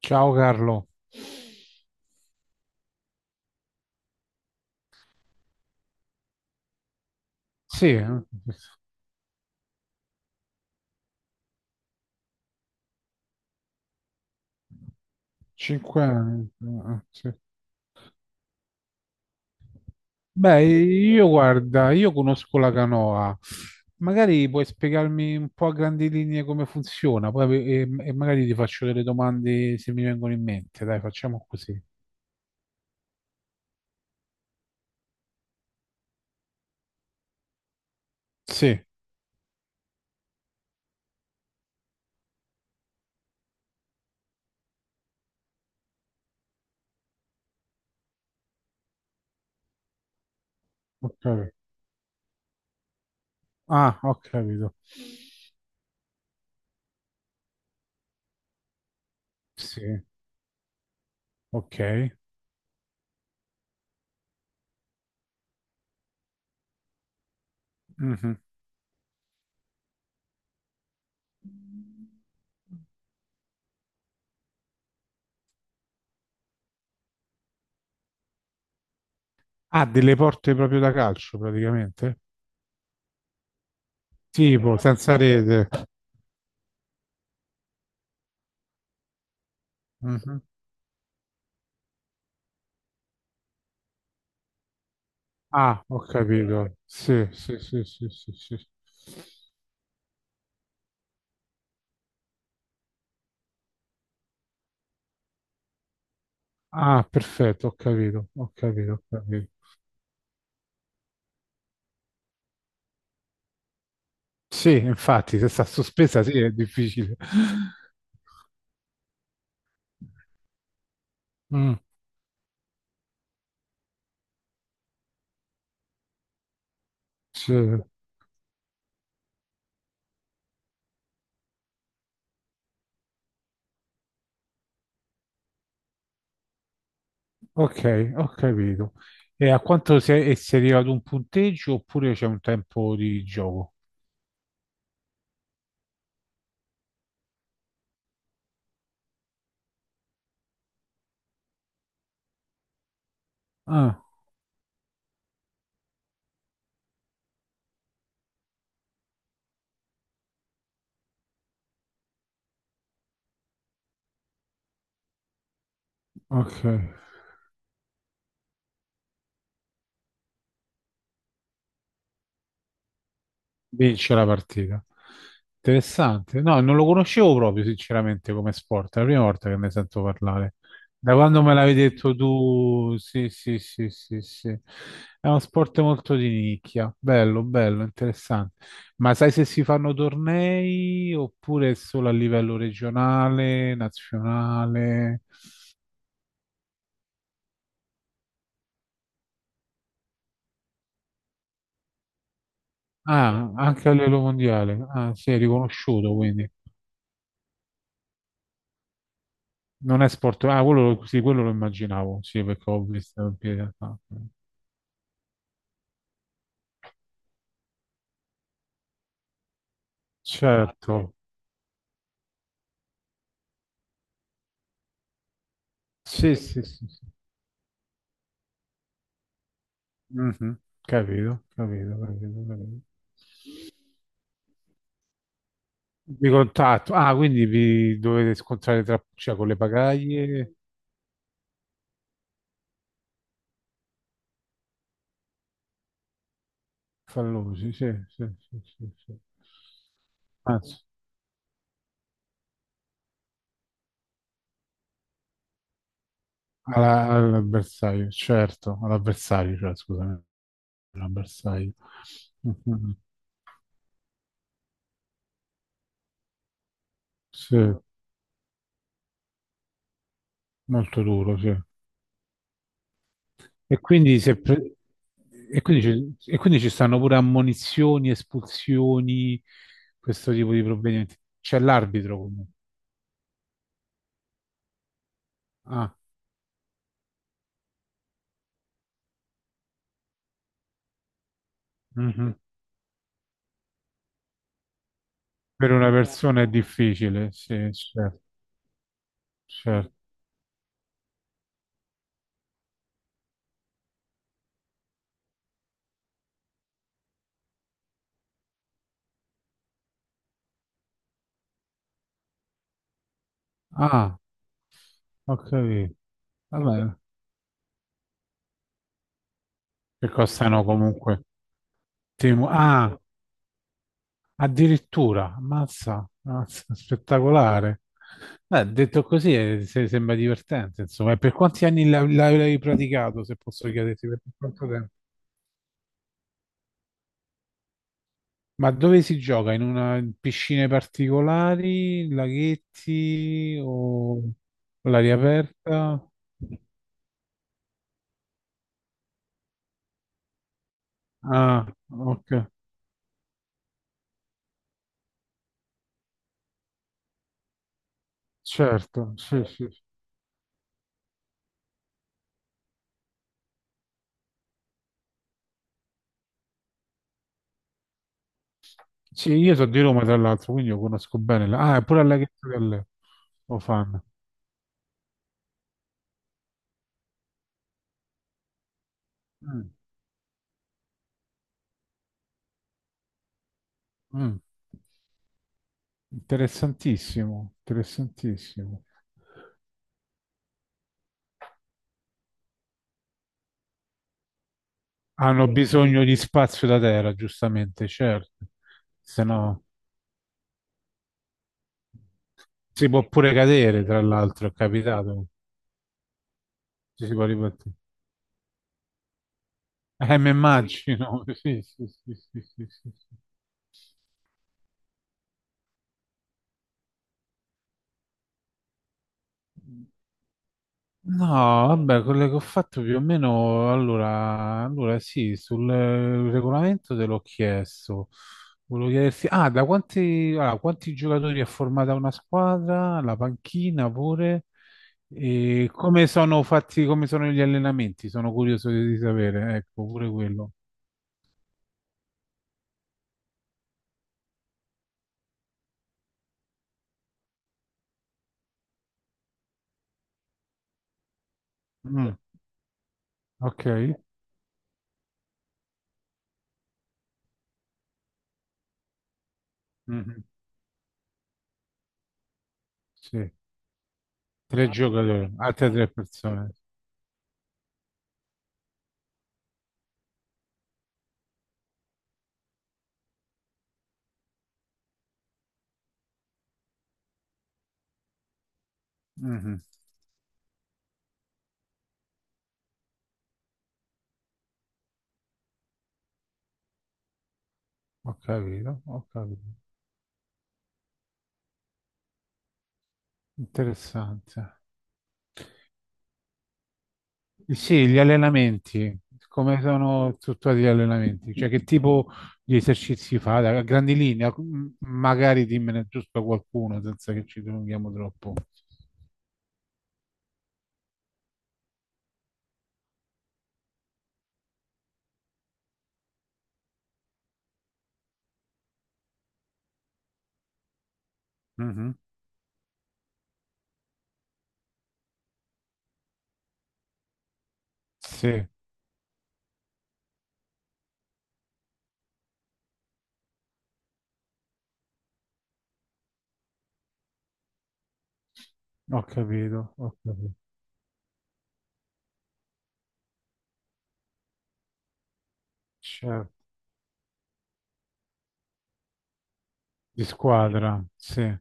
Ciao Carlo. Sì, 5 anni. Sì. Beh, io guarda, io conosco la canoa. Magari puoi spiegarmi un po' a grandi linee come funziona, poi e magari ti faccio delle domande se mi vengono in mente. Dai, facciamo così. Sì, ho capito. Ah, ho capito. Sì, ok. Mhm. Ah, delle porte proprio da calcio, praticamente? Tipo, senza rete. Mhm. Ah, ho capito. Sì, sì, sì, sì, sì, sì. Ah, perfetto, ho capito, ho capito, ho capito. Sì, infatti, se sta sospesa, sì, è difficile. Mm, sì. Ok, ho capito. E a quanto e si arriva ad un punteggio oppure c'è un tempo di gioco? Ah, ok. Vince la partita. Interessante. No, non lo conoscevo proprio, sinceramente, come sport. È la prima volta che ne sento parlare. Da quando me l'avevi detto tu, sì, sì, sì, sì, sì. È uno sport molto di nicchia. Bello, bello, interessante. Ma sai se si fanno tornei oppure solo a livello regionale, nazionale? Ah, anche a livello mondiale. Ah, sì, è riconosciuto, quindi. Non è sport. Ah, quello, sì, quello lo immaginavo, sì, perché ho visto in piedi a tavola. Certo. Sì, sì, sì, sì. Mhm. Capito, capito, capito, capito. Di contatto. Ah, quindi vi dovete scontrare tra, cioè, con le pagaglie fallosi, sì, sì, sì, sì, sì. Anzi, all'avversario, certo, all'avversario, cioè, scusami, all'avversario. Mhm. Sì, molto duro, sì. E quindi, se pre- e quindi ci stanno pure ammonizioni, espulsioni, questo tipo di provvedimenti. C'è l'arbitro comunque. Ah, mhm. Per una persona è difficile, sì, certo, certo. Ah, ho capito. Vabbè, che costano comunque. Ah, addirittura, ammazza, ammazza, spettacolare. Beh, detto così sembra divertente, insomma. E per quanti anni l'hai praticato, se posso chiederti, per quanto tempo? Ma dove si gioca? In piscine particolari, laghetti o all'aria aperta? Ah, ok, certo, sì, sì. Sì, io sono di Roma tra l'altro, quindi io conosco bene. Ah, è pure al laghetto di Allegro, lo fanno. Mm, mm. Interessantissimo, interessantissimo. Hanno bisogno di spazio da terra, giustamente, certo. Se no si può pure cadere, tra l'altro, è capitato. Ci si può ribattere. Mi immagino, sì, sì, sì, sì, sì, sì, sì. No, vabbè, quello che ho fatto più o meno, allora sì, sul regolamento te l'ho chiesto. Volevo chiederti, ah, allora, quanti giocatori è formata una squadra, la panchina pure, e come sono fatti, come sono gli allenamenti? Sono curioso di sapere, ecco, pure quello. Mm, ok, Mhm, sì, tre giocatori, altre tre persone. Mhm. Ho capito, ho capito. Interessante. Eh sì, gli allenamenti, come sono strutturati gli allenamenti? Cioè che tipo di esercizi fa? A grandi linee, magari dimmene giusto qualcuno senza che ci dilunghiamo troppo. Mhm. Sì, ho capito, ho capito. Certo. Di squadra, sì. Ho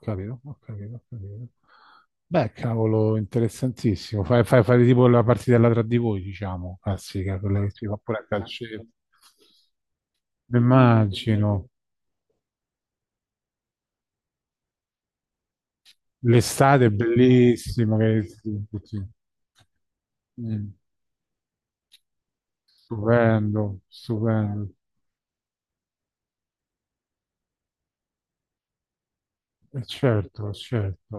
capito, ho capito, ho capito. Beh, cavolo, interessantissimo. Fai, fai, fai tipo la partitella tra di voi, diciamo, classica, quella che si fa pure a calcetto. Immagino, l'estate è bellissimo, che, sì, sì, sì. Mm, stupendo, stupendo. E certo, certo,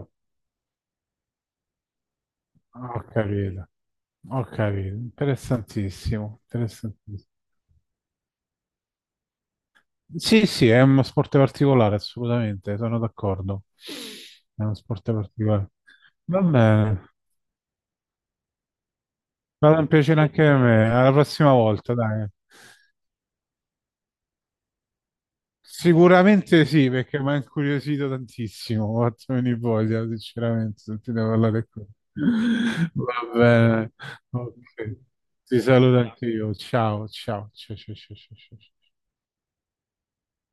ho capito, ho capito, interessantissimo, interessantissimo. Sì, sì, è uno sport particolare, assolutamente, sono d'accordo. È uno sport particolare. Va bene, vado un piacere anche a me, alla prossima volta, dai. Sicuramente sì, perché mi ha incuriosito tantissimo, mi ha fatto venire voglia, sinceramente, sentite parlare qui. Va bene, ok. Ti saluto anche io. Ciao, ciao, ciao, ciao, ciao, ciao. Ciao.